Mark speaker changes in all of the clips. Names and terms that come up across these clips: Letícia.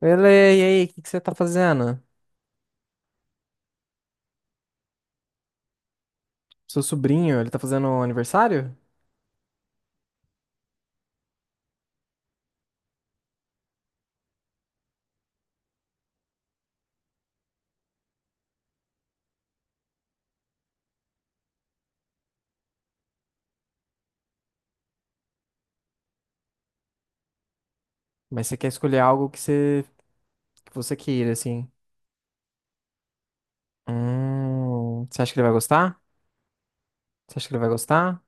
Speaker 1: E aí, o que que você tá fazendo? Seu sobrinho, ele tá fazendo aniversário? Mas você quer escolher algo que você queira, assim. Você acha que ele vai gostar? Você acha que ele vai gostar?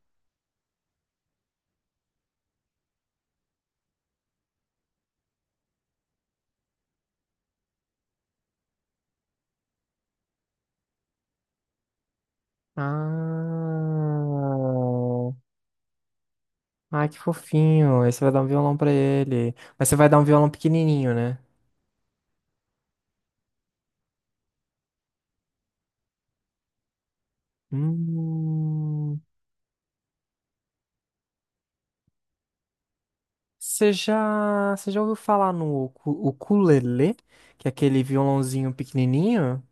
Speaker 1: Ah, ai, que fofinho. Aí você vai dar um violão pra ele. Mas você vai dar um violão pequenininho, né? Hum, você já ouviu falar no ukulele? Que é aquele violãozinho pequenininho?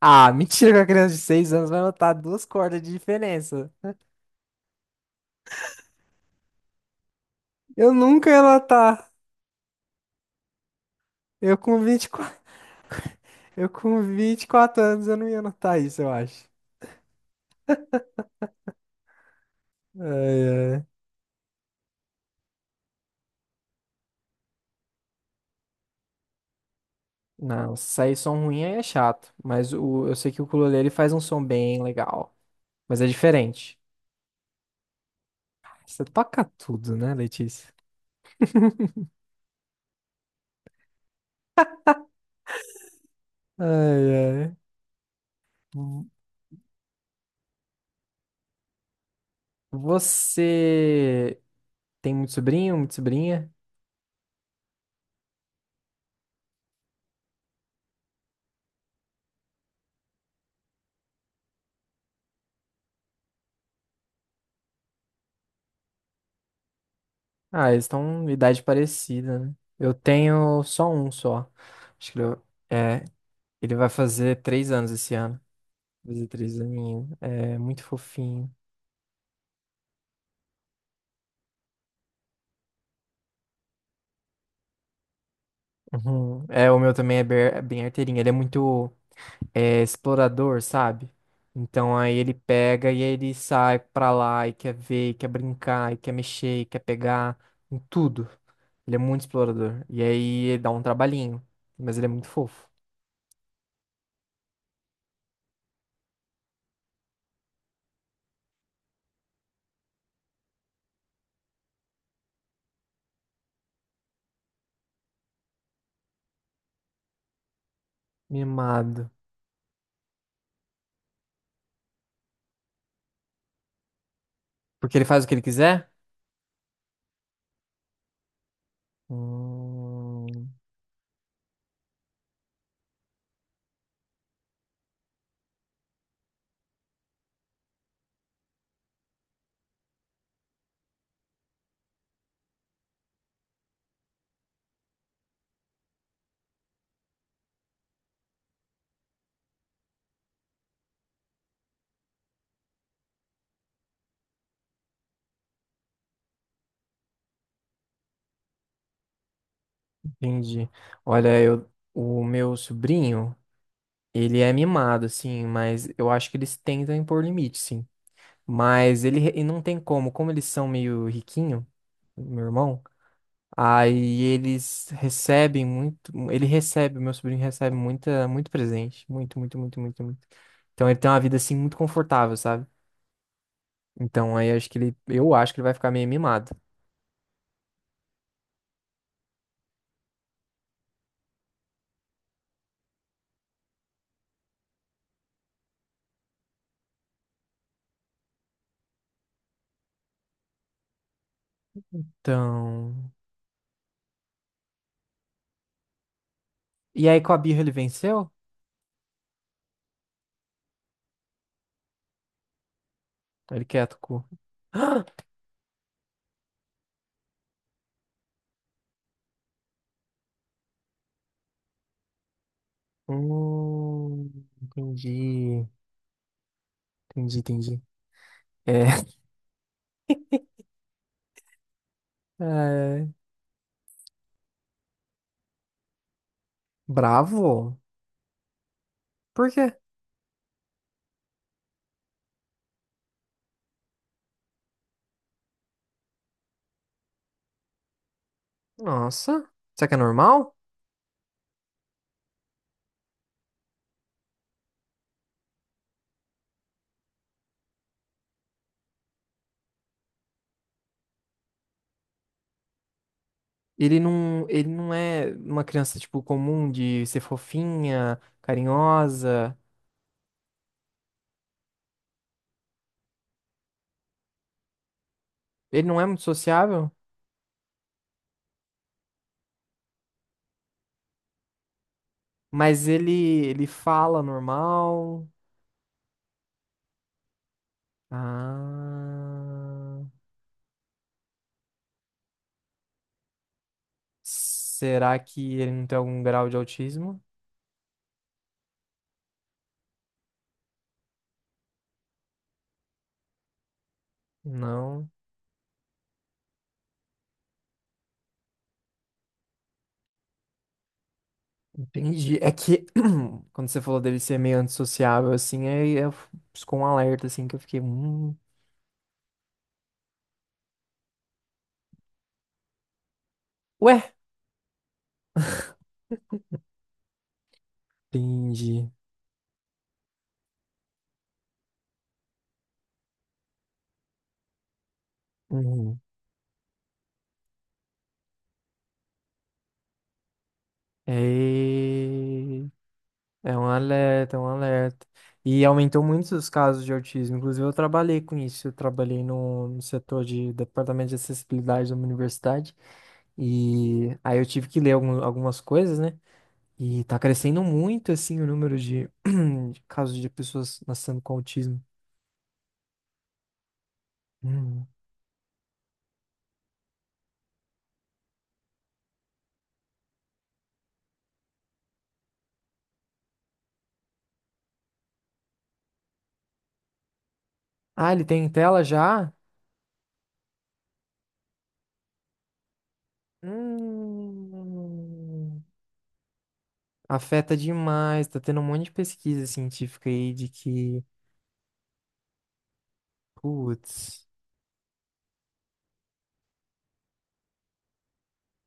Speaker 1: Ah, mentira que a criança de 6 anos vai notar duas cordas de diferença. Eu nunca ia notar. Eu com 24, eu com vinte e quatro anos eu não ia notar isso, eu acho. Ai, ai. Não, sair som ruim aí é chato, eu sei que o ukulele ele faz um som bem legal, mas é diferente. Você toca tudo, né, Letícia? Ai, ai. Você tem muito sobrinho, muita sobrinha? Ah, eles estão em idade parecida, né? Eu tenho só um só. Acho que é, ele vai fazer três anos esse ano. Vai fazer três aninhos. É muito fofinho. Uhum. É, o meu também é bem arteirinho. Ele é muito é, explorador, sabe? Então aí ele pega e aí ele sai pra lá e quer ver, e quer brincar, e quer mexer, e quer pegar em tudo. Ele é muito explorador. E aí ele dá um trabalhinho. Mas ele é muito fofo. Mimado. Porque ele faz o que ele quiser? Hum, entendi. Olha, o meu sobrinho, ele é mimado, assim, mas eu acho que eles tentam impor limite, sim. Mas e não tem como, como eles são meio riquinho, meu irmão, aí meu sobrinho recebe muita, muito presente, muito, muito, muito, muito, muito. Então ele tem uma vida, assim, muito confortável, sabe? Então aí eu acho que ele vai ficar meio mimado. Então, e aí com a birra ele venceu? Ele quer cu. Hum, entendi, entendi, entendi. É, é, bravo? Por quê? Nossa, será que é normal? Ele não é uma criança, tipo, comum de ser fofinha, carinhosa. Ele não é muito sociável, mas ele, ele fala normal. Ah, será que ele não tem algum grau de autismo? Não. Entendi. É que quando você falou dele ser meio antissociável, assim, piscou um alerta, assim, que eu fiquei, ué, entendi. Uhum. É... é um alerta, é um alerta. E aumentou muito os casos de autismo. Inclusive, eu trabalhei com isso. Eu trabalhei no setor de departamento de acessibilidade da minha universidade. E aí eu tive que ler algumas coisas, né? E tá crescendo muito, assim, o número de, de casos de pessoas nascendo com autismo. Hum. Ah, ele tem tela já? Hum. Afeta demais. Tá tendo um monte de pesquisa científica aí de que. Putz.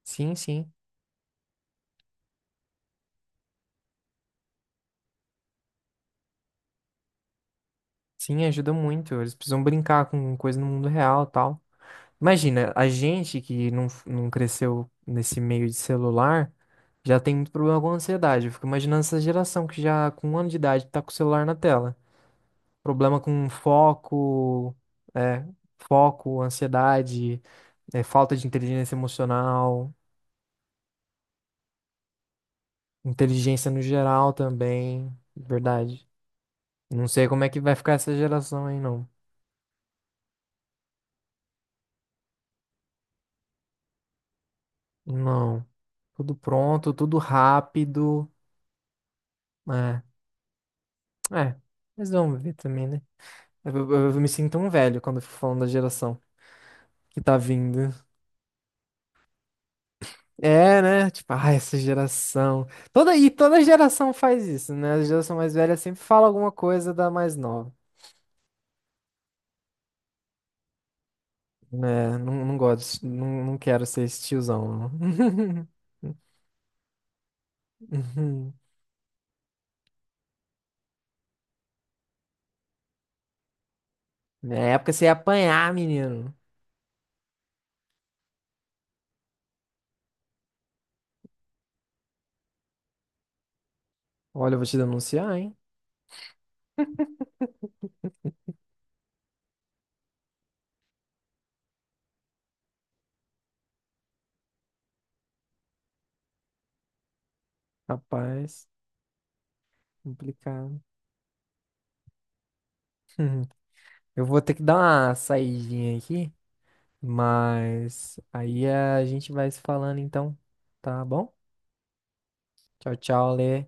Speaker 1: Sim, sim. Sim, ajuda muito. Eles precisam brincar com coisa no mundo real e tal. Imagina, a gente que não cresceu nesse meio de celular já tem muito problema com ansiedade. Eu fico imaginando essa geração que já com um ano de idade tá com o celular na tela. Problema com foco, é, foco, ansiedade, é, falta de inteligência emocional, inteligência no geral também, verdade. Não sei como é que vai ficar essa geração aí, não. Não. Tudo pronto, tudo rápido. É, é. Mas vamos ver também, né? Eu me sinto um velho quando eu fico falando da geração que tá vindo. É, né? Tipo, ah, essa geração. Toda e toda geração faz isso, né? A geração mais velha sempre fala alguma coisa da mais nova. Né? Não gosto, não quero ser esse tiozão. Não. Uhum. Na época você ia apanhar, menino. Olha, eu vou te denunciar, hein? Rapaz, complicado. Uhum. Eu vou ter que dar uma saidinha aqui, mas aí a gente vai se falando então, tá bom? Tchau, tchau, Lê.